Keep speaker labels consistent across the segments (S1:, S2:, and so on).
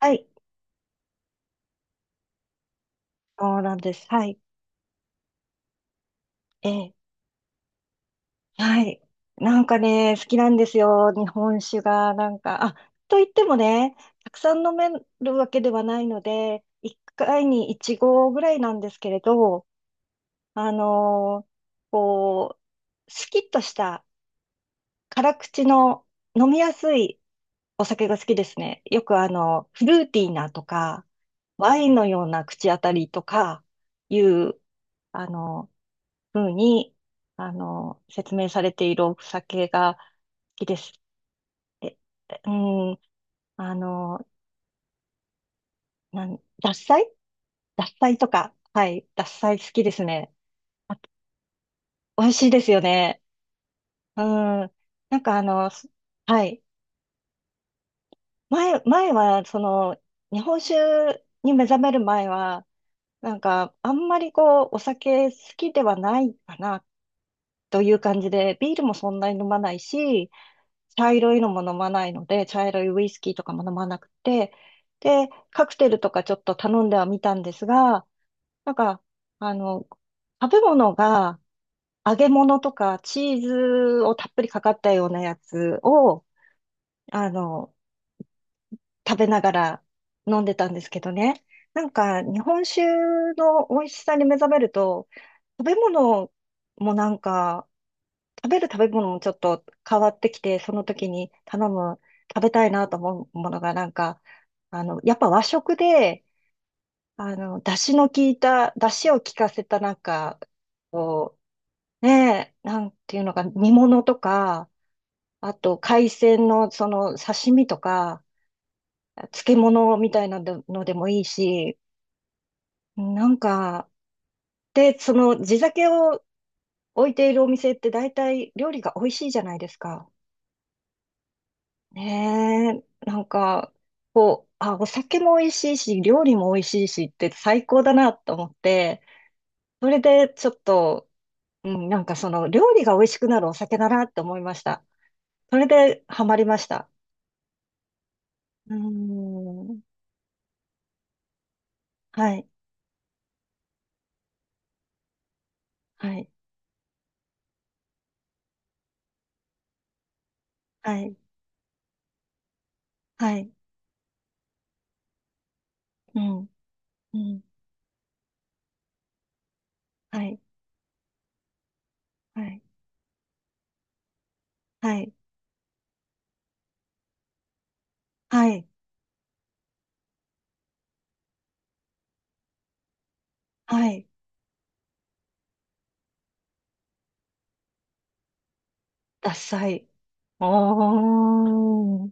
S1: はい、そうなんです。はい。ええ、はい。なんかね、好きなんですよ。日本酒が、なんか、あ、と言ってもね、たくさん飲めるわけではないので、1回に1合ぐらいなんですけれど、あのーこう、スキッとした辛口の飲みやすいお酒が好きですね。よくフルーティーなとか、ワインのような口当たりとかいう、あの、ふうに、説明されているお酒が好きですっうん、あの、なん、獺祭獺祭とか。はい、獺祭好きですね。あ、美味しいですよね。うん。なんかはい。前は、その、日本酒に目覚める前は、なんか、あんまりこう、お酒好きではないかな、という感じで、ビールもそんなに飲まないし、茶色いのも飲まないので、茶色いウイスキーとかも飲まなくて、で、カクテルとかちょっと頼んではみたんですが、なんか、あの、食べ物が揚げ物とかチーズをたっぷりかかったようなやつを、あの、食べながら飲んでたんですけどね。なんか、日本酒の美味しさに目覚めると、食べ物もなんか、食べる食べ物もちょっと変わってきて、その時に頼む、食べたいなと思うものがなんか、やっぱ和食で、出汁の効いた、出汁を効かせたなんか、こう、ねえ、なんていうのか、煮物とか、あと海鮮のその刺身とか、漬物みたいなのでもいいし、なんか、で、その地酒を置いているお店って大体料理が美味しいじゃないですか。ねえ、なんか、こう、あ、お酒も美味しいし、料理も美味しいしって最高だなと思って、それでちょっと、うん、なんかその料理が美味しくなるお酒だなって思いました。それでハマりました。うーん、はい、はい、はい、はい、うん、うん、はい、はい、はい、はい、はい、ダサい。おーん、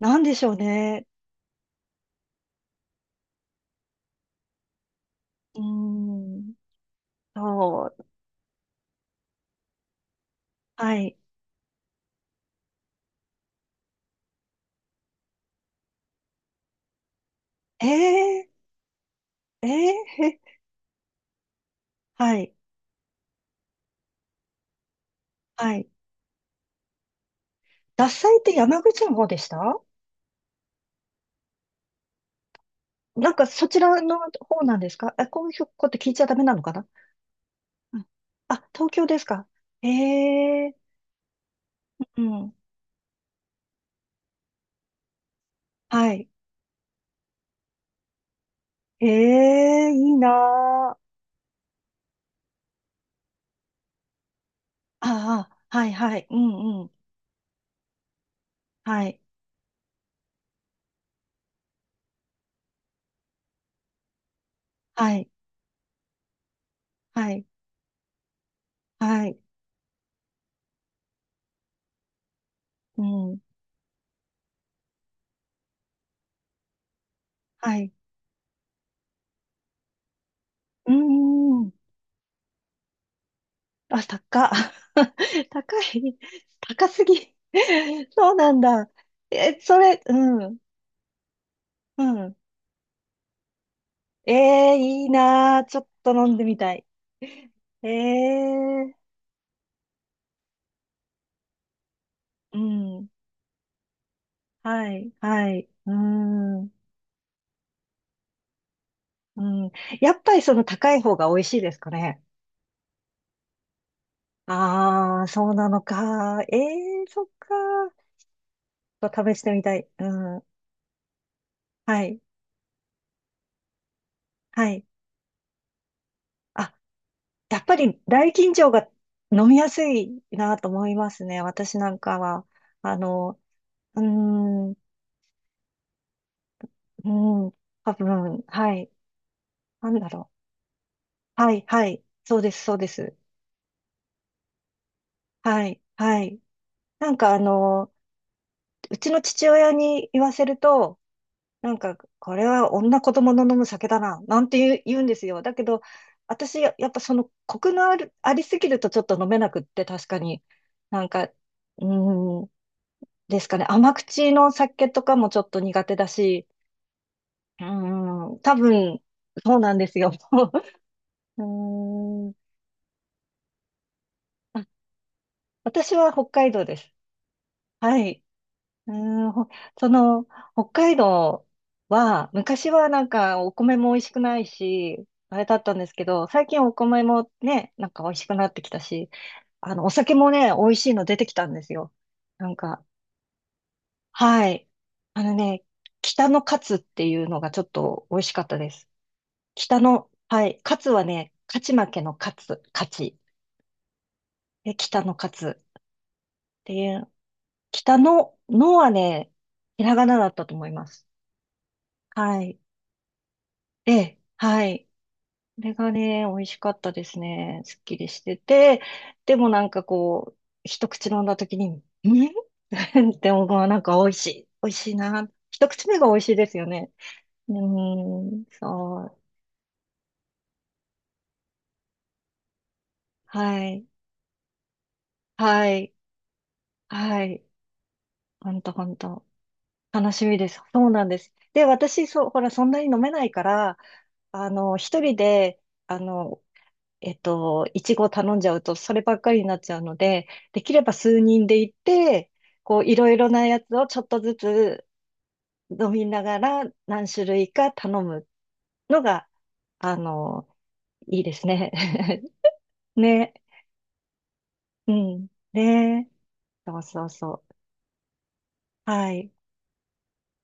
S1: なんでしょうね。うーん、そう、はい。えええー、へはい、はい。獺祭って山口の方でした？なんかそちらの方なんですかあ？こういうこと聞いちゃダメなのかな？うん。あ、東京ですか？ええ。うん。はい。ええいいなあ。ああ、はい、はい。うんうん。はい、はい、はい、はい。うん、はい。うんうん。あ、高っ。高い。高すぎ。そうなんだ。え、それ、うん、うん。ええいいなー。ちょっと飲んでみたい。ええ、うん。はい、はい。うん、うん。やっぱりその高い方が美味しいですかね？ああ、そうなのか。ええ、そっか。ちょっと試してみたい。うん。はい、はい。あ、やっぱり大吟醸が飲みやすいなと思いますね。私なんかは。あの、うーん、うん。多分、はい。なんだろう。はい、はい。そうです、そうです。はい、はい。なんかうちの父親に言わせると、なんか、これは女子供の飲む酒だな、なんて言うんですよ。だけど、私、ややっぱその、コクのある、ありすぎるとちょっと飲めなくって、確かに。なんか、ーん、ですかね。甘口の酒とかもちょっと苦手だし、多分、そうなんですよ。うーん、あ、私は北海道です。はい。うーん、ほその、北海道は、昔はなんかお米も美味しくないし、あれだったんですけど、最近お米もね、なんか美味しくなってきたし、お酒もね、美味しいの出てきたんですよ。なんか、はい。あのね、北のカツっていうのがちょっと美味しかったです。北の、はい。カツはね、勝ち負けのカツ、勝ち。で、北のカツっていう、北の、のはね、ひらがなだったと思います。はい。ええ、はい。これがね、美味しかったですね。すっきりしてて、でもなんかこう、一口飲んだ時に、ん って思うなんか美味しい。美味しいな。一口目が美味しいですよね。うーん、そう。はい。はい。はい。ほんとほんと。楽しみです。そうなんです。で、私、そう、ほら、そんなに飲めないから、一人で、あの、いちご頼んじゃうと、そればっかりになっちゃうので、できれば数人で行って、こう、いろいろなやつをちょっとずつ飲みながら何種類か頼むのが、あの、いいですね。ね。うん。ね。そうそうそう。はい。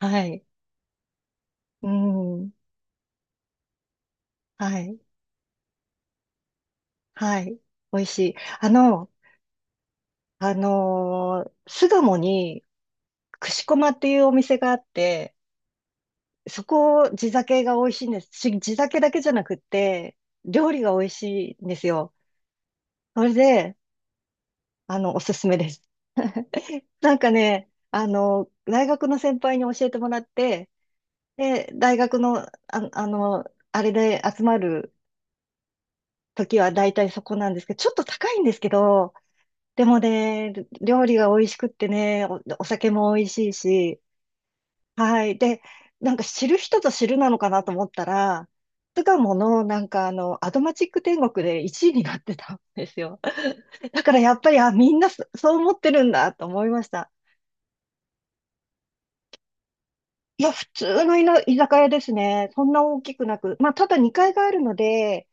S1: はい。うん。はい。はい。美味しい。巣鴨に、串駒っていうお店があって、そこ、地酒が美味しいんです。地酒だけじゃなくって、料理が美味しいんですよ。それで、おすすめです。なんかね、大学の先輩に教えてもらって、で、大学の、あの、あれで集まる時は大体そこなんですけど、ちょっと高いんですけど、でもね、料理が美味しくってね、お酒も美味しいし、はい。で、なんか知る人ぞ知るなのかなと思ったら、巣鴨のなんかアドマチック天国で1位になってたんですよ。だからやっぱり、あ、みんなそう思ってるんだと思いました。いや、普通の居酒屋ですね。そんな大きくなく。まあ、ただ2階があるので、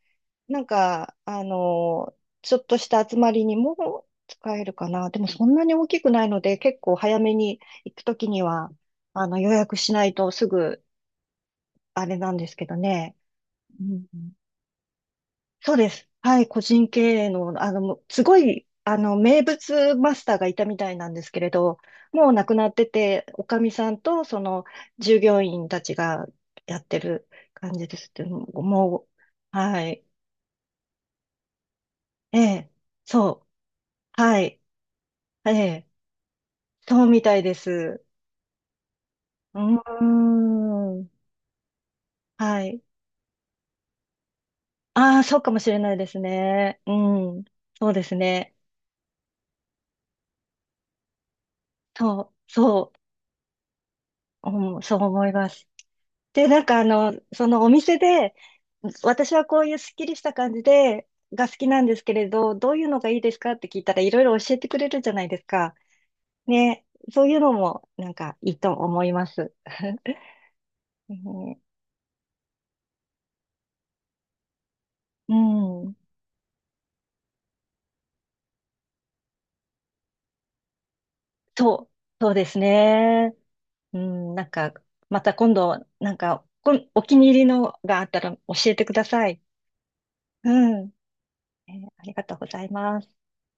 S1: なんか、ちょっとした集まりにも使えるかな。でもそんなに大きくないので、結構早めに行くときには、予約しないとすぐ、あれなんですけどね。うん。そうです。はい、個人経営の、もうすごい、名物マスターがいたみたいなんですけれど、もう亡くなってて、おかみさんと、その、従業員たちがやってる感じですってもう、はい、ええ、そう、はい、ええ、そうみたいです。うーん、はい。ああ、そうかもしれないですね。うん、そうですね。そう、そう、うん、そう思います。で、なんかそのお店で、私はこういうすっきりした感じで、が好きなんですけれど、どういうのがいいですかって聞いたらいろいろ教えてくれるじゃないですか。ね、そういうのもなんかいいと思います。ね、うん、そう、そうですね。うん、なんか、また今度、なんか、お気に入りのがあったら教えてください。うん、ありがとうございます。